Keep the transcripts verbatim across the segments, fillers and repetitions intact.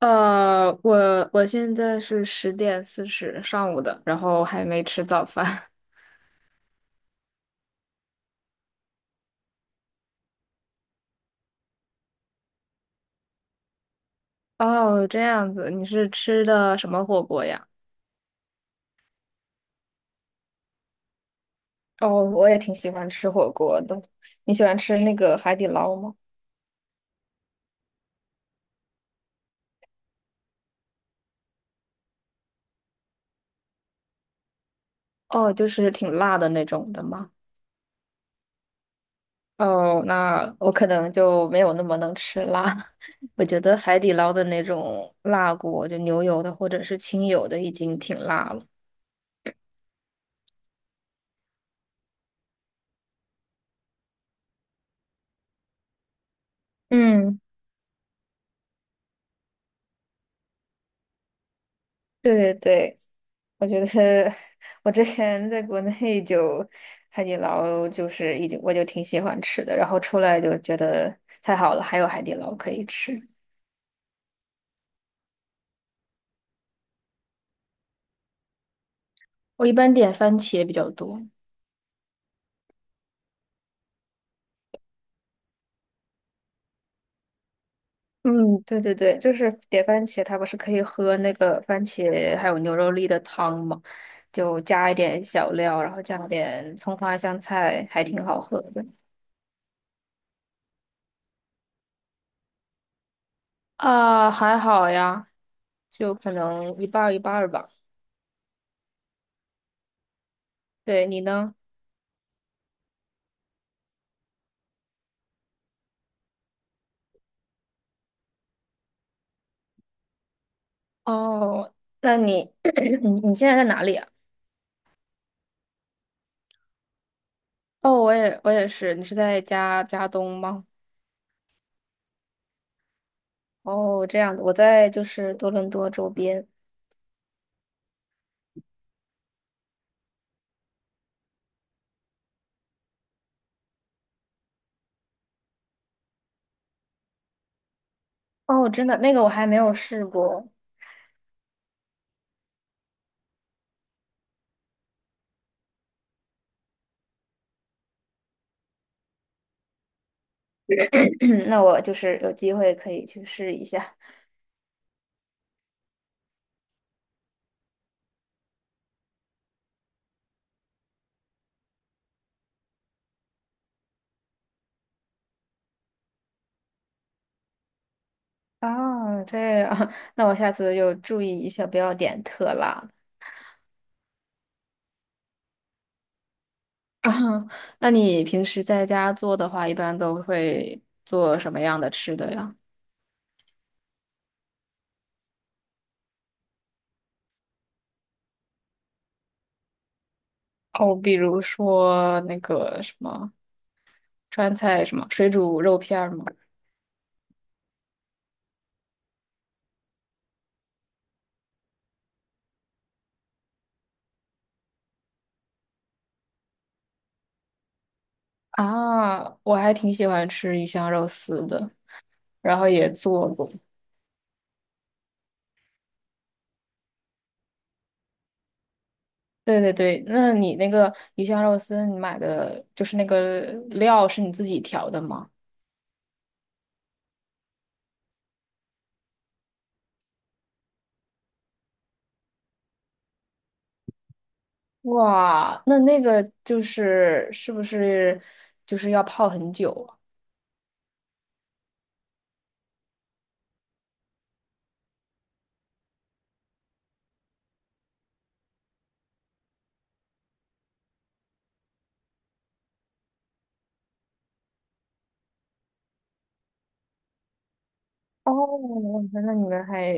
呃，我我现在是十点四十上午的，然后还没吃早饭。哦，这样子，你是吃的什么火锅呀？哦，我也挺喜欢吃火锅的。你喜欢吃那个海底捞吗？哦，就是挺辣的那种的吗？哦，那我可能就没有那么能吃辣。我觉得海底捞的那种辣锅，就牛油的或者是清油的，已经挺辣了。嗯，对对对，我觉得我之前在国内就海底捞就是已经我就挺喜欢吃的，然后出来就觉得太好了，还有海底捞可以吃。我一般点番茄比较多。嗯，对对对，就是点番茄，它不是可以喝那个番茄还有牛肉粒的汤嘛，就加一点小料，然后加点葱花香菜，还挺好喝的。啊，还好呀。就可能一半儿一半儿吧。对，你呢？哦，那你 你你现在在哪里啊？哦，我也我也是，你是在加加东吗？哦，这样的，我在就是多伦多周边。哦，真的，那个我还没有试过，那我就是有机会可以去试一下。啊，这样，那我下次就注意一下，不要点特辣。啊，那你平时在家做的话，一般都会做什么样的吃的呀？哦，比如说那个什么川菜，什么水煮肉片儿吗？啊，我还挺喜欢吃鱼香肉丝的，然后也做过。对对对，那你那个鱼香肉丝，你买的就是那个料是你自己调的吗？哇，那那个就是是不是就是要泡很久啊哦，那你们还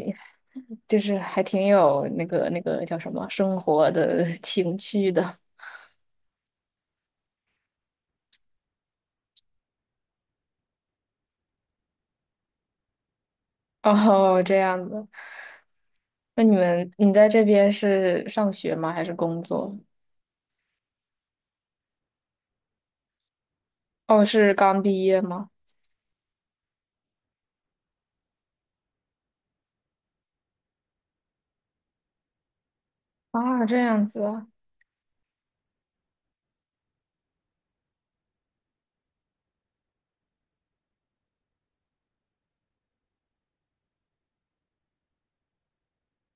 就是还挺有那个那个叫什么生活的 情趣的。哦，这样子。那你们你在这边是上学吗？还是工作？哦，是刚毕业吗？啊，这样子啊。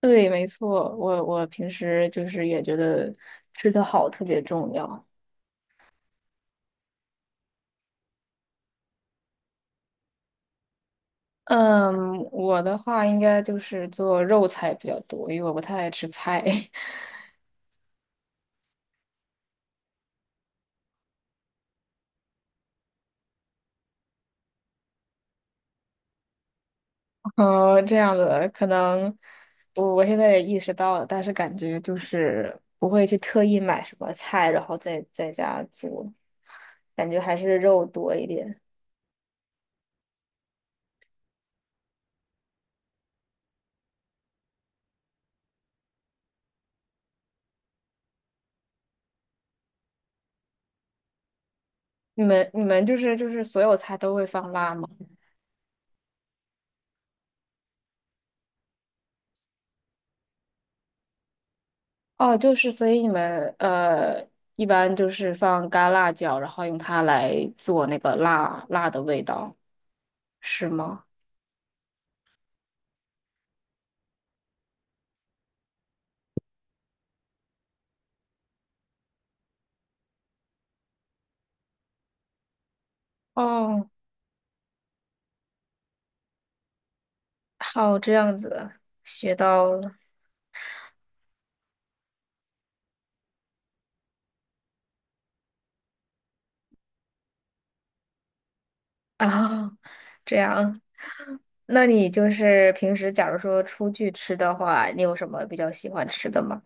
对，没错，我我平时就是也觉得吃得好特别重要。嗯，我的话应该就是做肉菜比较多，因为我不太爱吃菜。嗯，这样子可能我我现在也意识到了，但是感觉就是不会去特意买什么菜，然后在在家做，感觉还是肉多一点。你们你们就是就是所有菜都会放辣吗？哦，就是所以你们呃，一般就是放干辣椒，然后用它来做那个辣辣的味道，是吗？哦，好，这样子学到了啊，这样，那你就是平时假如说出去吃的话，你有什么比较喜欢吃的吗？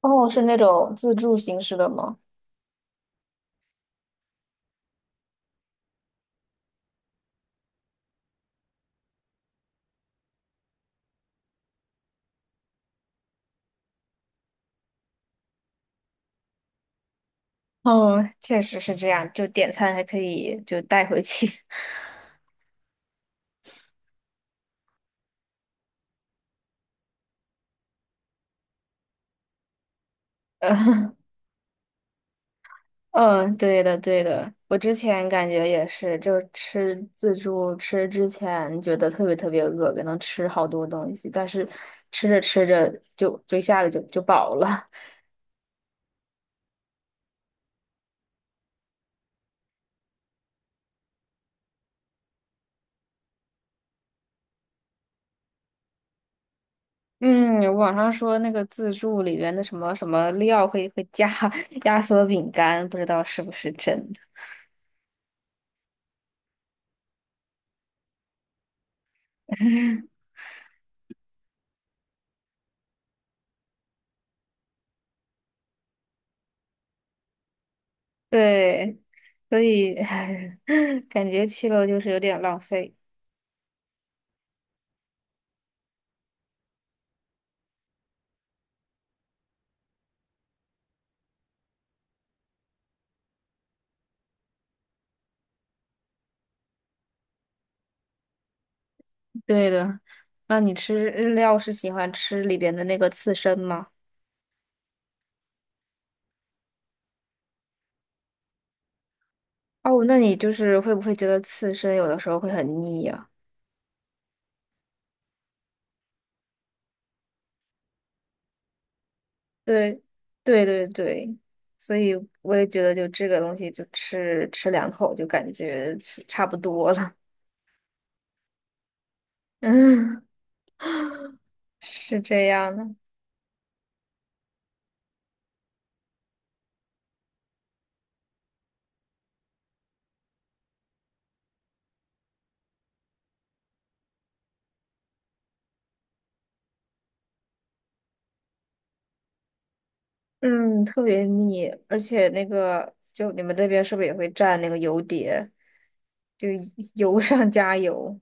哦，是那种自助形式的吗？哦，确实是这样，就点餐还可以就带回去。嗯，对的，对的，我之前感觉也是，就是吃自助吃之前觉得特别特别饿，可能吃好多东西，但是吃着吃着就就一下子就就饱了。嗯，网上说那个自助里边的什么什么料会会加 压缩饼干，不知道是不是真的。对，所以 感觉去了就是有点浪费。对的，那你吃日料是喜欢吃里边的那个刺身吗？哦，那你就是会不会觉得刺身有的时候会很腻呀？对，对对对，所以我也觉得就这个东西就吃吃两口就感觉吃差不多了。嗯，是这样的。嗯，特别腻，而且那个就你们这边是不是也会蘸那个油碟，就 油上加油？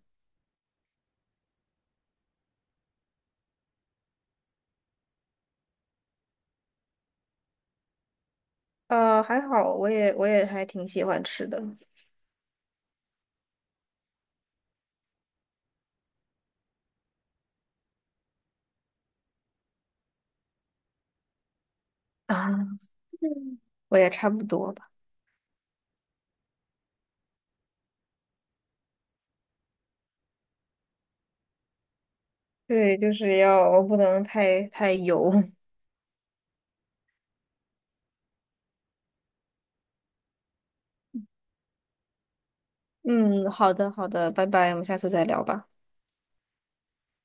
呃，还好，我也我也还挺喜欢吃的。啊，我也差不多吧。对，就是要不能太太油。嗯，好的，好的，拜拜，我们下次再聊吧。